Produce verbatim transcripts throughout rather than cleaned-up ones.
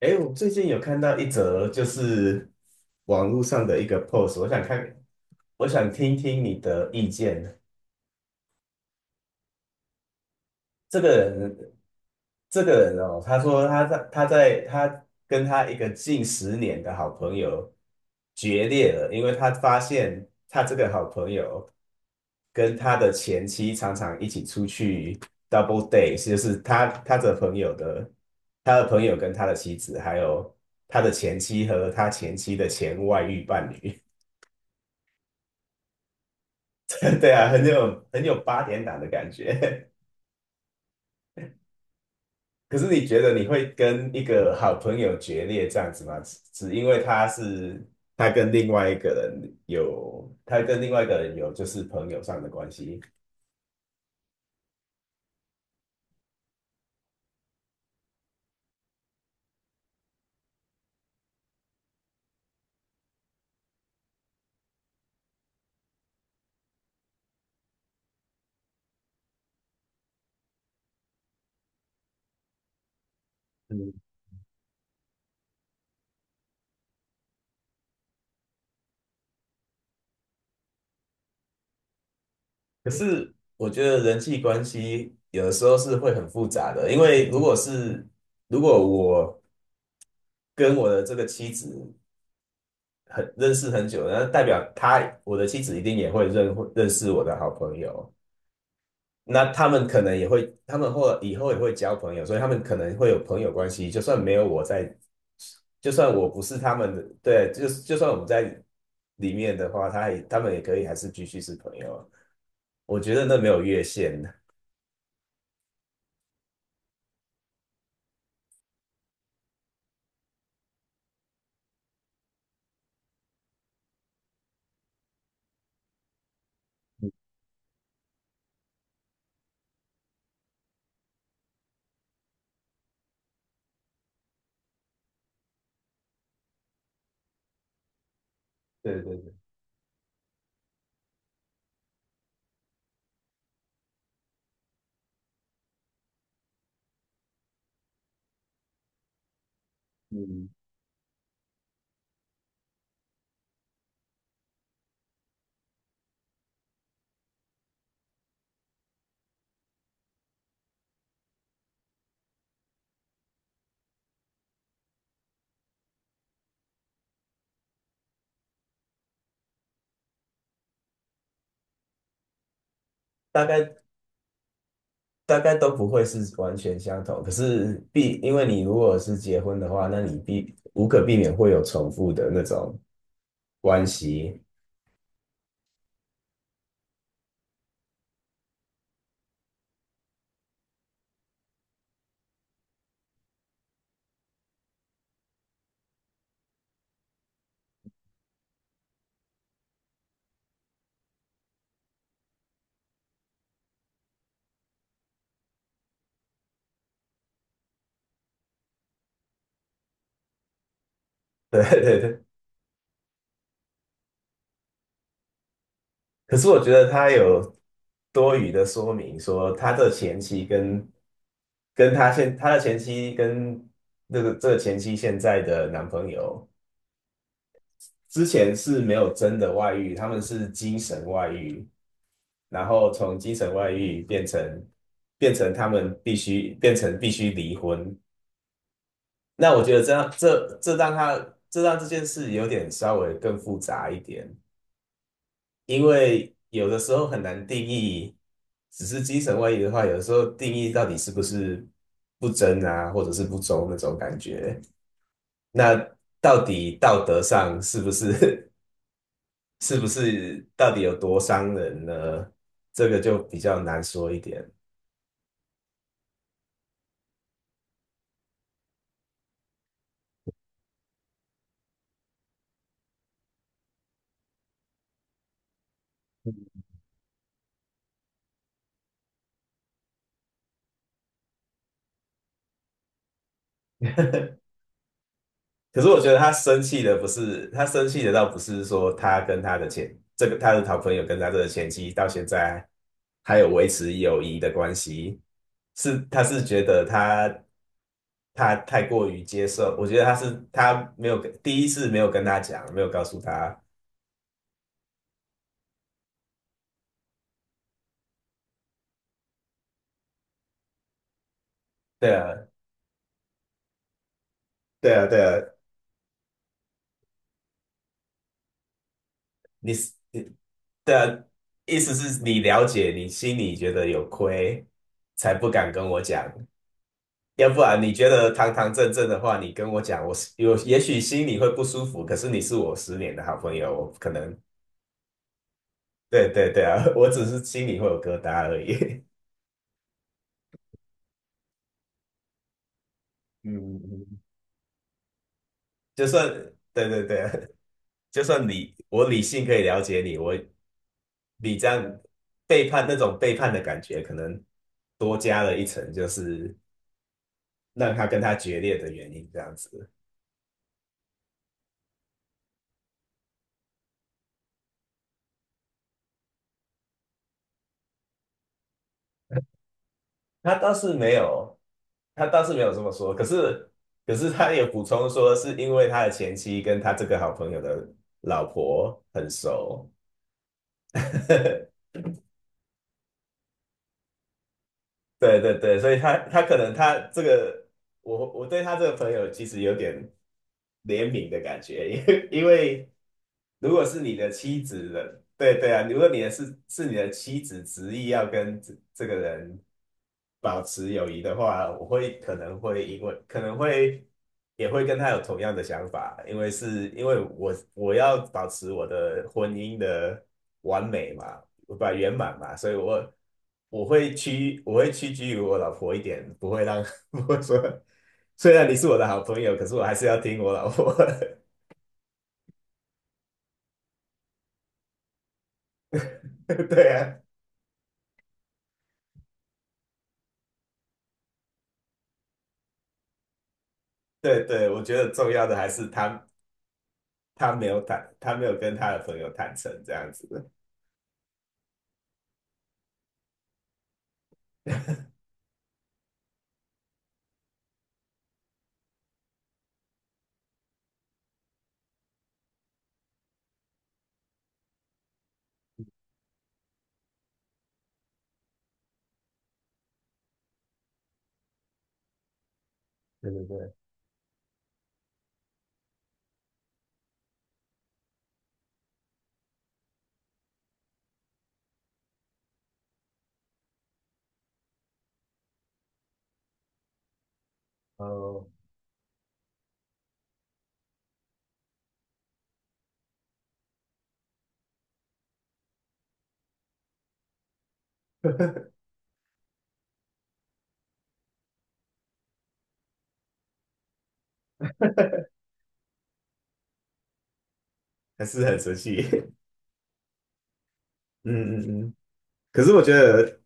诶，我最近有看到一则，就是网络上的一个 post，我想看，我想听听你的意见。这个人，这个人哦，他说他在他在他跟他一个近十年的好朋友决裂了，因为他发现他这个好朋友跟他的前妻常常一起出去 double date，就是他他的朋友的他的朋友跟他的妻子，还有他的前妻和他前妻的前外遇伴侣。对啊，很有很有八点档的感觉。可是你觉得你会跟一个好朋友决裂这样子吗？只只因为他是他跟另外一个人有，他跟另外一个人有就是朋友上的关系。嗯。可是我觉得人际关系有的时候是会很复杂的，因为如果是如果我跟我的这个妻子很认识很久，那代表他我的妻子一定也会认认识我的好朋友，那他们可能也会，他们或以后也会交朋友，所以他们可能会有朋友关系，就算没有我在，就算我不是他们的，对，就就算我们在里面的话，他也他们也可以还是继续是朋友，我觉得那没有越线。的，对对对。嗯。大概大概都不会是完全相同，可是必，因为你如果是结婚的话，那你必无可避免会有重复的那种关系。对对对。可是我觉得他有多余的说明说，他的前妻跟跟他现他的前妻跟那个这个前妻现在的男朋友之前是没有真的外遇，他们是精神外遇。然后从精神外遇变成变成他们必须变成必须离婚。那我觉得这样这这让他这让这件事有点稍微更复杂一点，因为有的时候很难定义。只是精神外遇的话，有的时候定义到底是不是不贞啊，或者是不忠那种感觉。那到底道德上是不是 是不是到底有多伤人呢？这个就比较难说一点。可是我觉得他生气的不是他生气的，倒不是说他跟他的前这个他的好朋友跟他的前妻到现在还有维持友谊的关系，是他是觉得他他太过于接受。我觉得他是他没有跟第一次没有跟他讲，没有告诉他。对啊对啊对啊，你是你对啊，意思是你了解，你心里觉得有亏，才不敢跟我讲。要不然你觉得堂堂正正的话，你跟我讲，我是有也许心里会不舒服，可是你是我十年的好朋友，我可能对对对啊。我只是心里会有疙瘩而已。嗯嗯，就算对对对啊，就算理我理性可以了解你，我你这样背叛，那种背叛的感觉可能多加了一层，就是让他跟他决裂的原因，这样子。他倒是没有，他倒是没有这么说。可是，可是他也补充说，是因为他的前妻跟他这个好朋友的老婆很熟。对对对，所以他他可能他这个，我我对他这个朋友其实有点怜悯的感觉。因为因为如果是你的妻子的，对对啊，如果你的是是你的妻子执意要跟这这个人保持友谊的话，我会可能会因为可能会也会跟他有同样的想法，因为是因为我我要保持我的婚姻的完美嘛。我把圆满吧，所以我我会屈我会屈居于我老婆一点，不会让 不会说，虽然你是我的好朋友，可是我还是要听我老婆的。对啊，对对，我觉得重要的还是他他没有坦，他没有跟他的朋友坦诚这样子。对对对，哦，还是很神奇。嗯嗯嗯。可是我觉得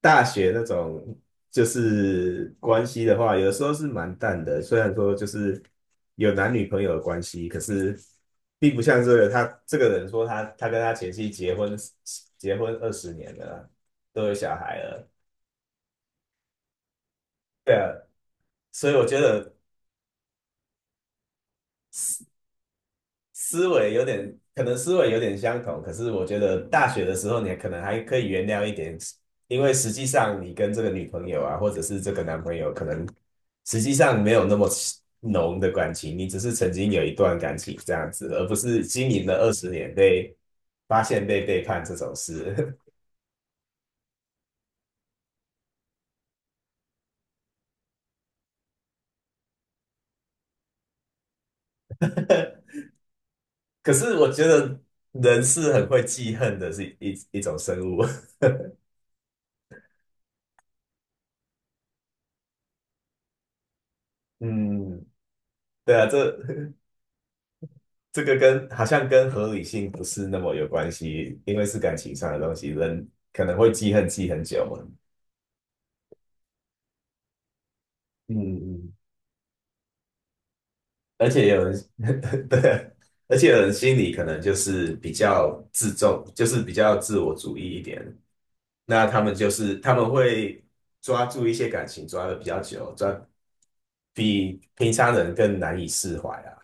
大学那种就是关系的话，有的时候是蛮淡的。虽然说就是有男女朋友的关系，可是并不像这个他这个人说他他跟他前妻结婚结婚二十年了，都有小孩了。对啊，所以我觉得思维有点，可能思维有点相同，可是我觉得大学的时候你可能还可以原谅一点，因为实际上你跟这个女朋友啊，或者是这个男朋友，可能实际上没有那么浓的感情，你只是曾经有一段感情这样子，而不是经营了二十年被发现被背叛这种事。可是我觉得人是很会记恨的，是一一种生物。嗯，对啊，这这个跟好像跟合理性不是那么有关系，因为是感情上的东西，人可能会记恨记很久嘛。嗯嗯，而且有人 对，而且有人心里可能就是比较自重，就是比较自我主义一点。那他们就是他们会抓住一些感情抓的比较久，抓比平常人更难以释怀啊。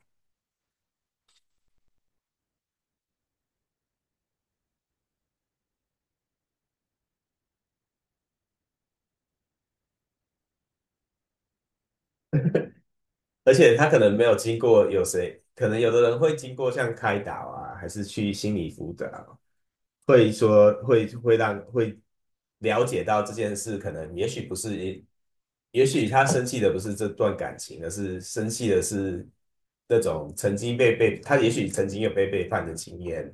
而且他可能没有经过有谁，可能有的人会经过像开导啊，还是去心理辅导，会说会会让会了解到这件事，可能也许不是，也许他生气的不是这段感情，而是生气的是那种曾经被背，他也许曾经有被背叛的经验，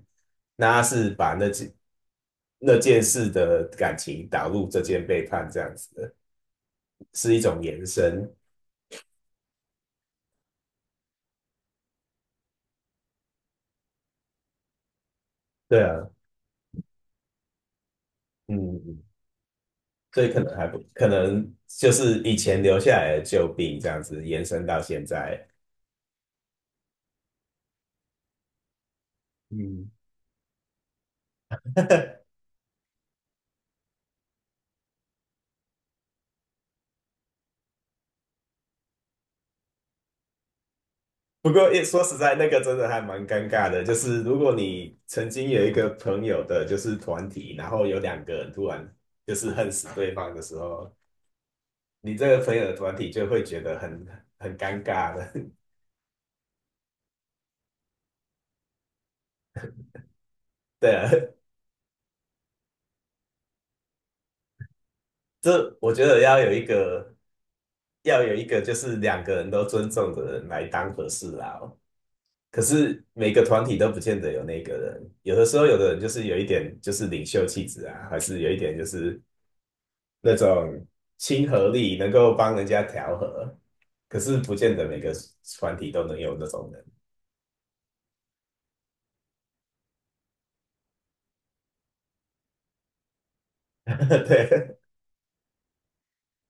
那他是把那件那件事的感情导入这件背叛这样子的，是一种延伸。对啊，嗯，所以可能还不可能就是以前留下来的旧病这样子延伸到现在。嗯。不过也说实在，那个真的还蛮尴尬的。就是如果你曾经有一个朋友的，就是团体，然后有两个人突然就是恨死对方的时候，你这个朋友的团体就会觉得很很尴尬的。对啊，这我觉得要有一个要有一个就是两个人都尊重的人来当和事佬。可是每个团体都不见得有那个人，有的时候有的人就是有一点就是领袖气质啊，还是有一点就是那种亲和力，能够帮人家调和。可是不见得每个团体都能有那种人。对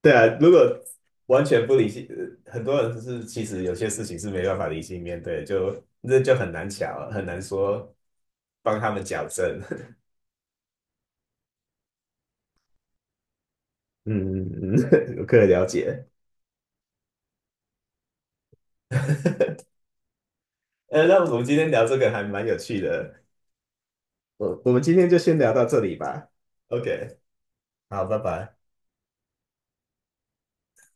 对啊，如果完全不理性，呃很多人是其实有些事情是没办法理性面对的就那就很难巧，很难说帮他们矫正。嗯嗯嗯，我可以了解。呃，那我们今天聊这个还蛮有趣的，我我们今天就先聊到这里吧。OK，好，拜拜。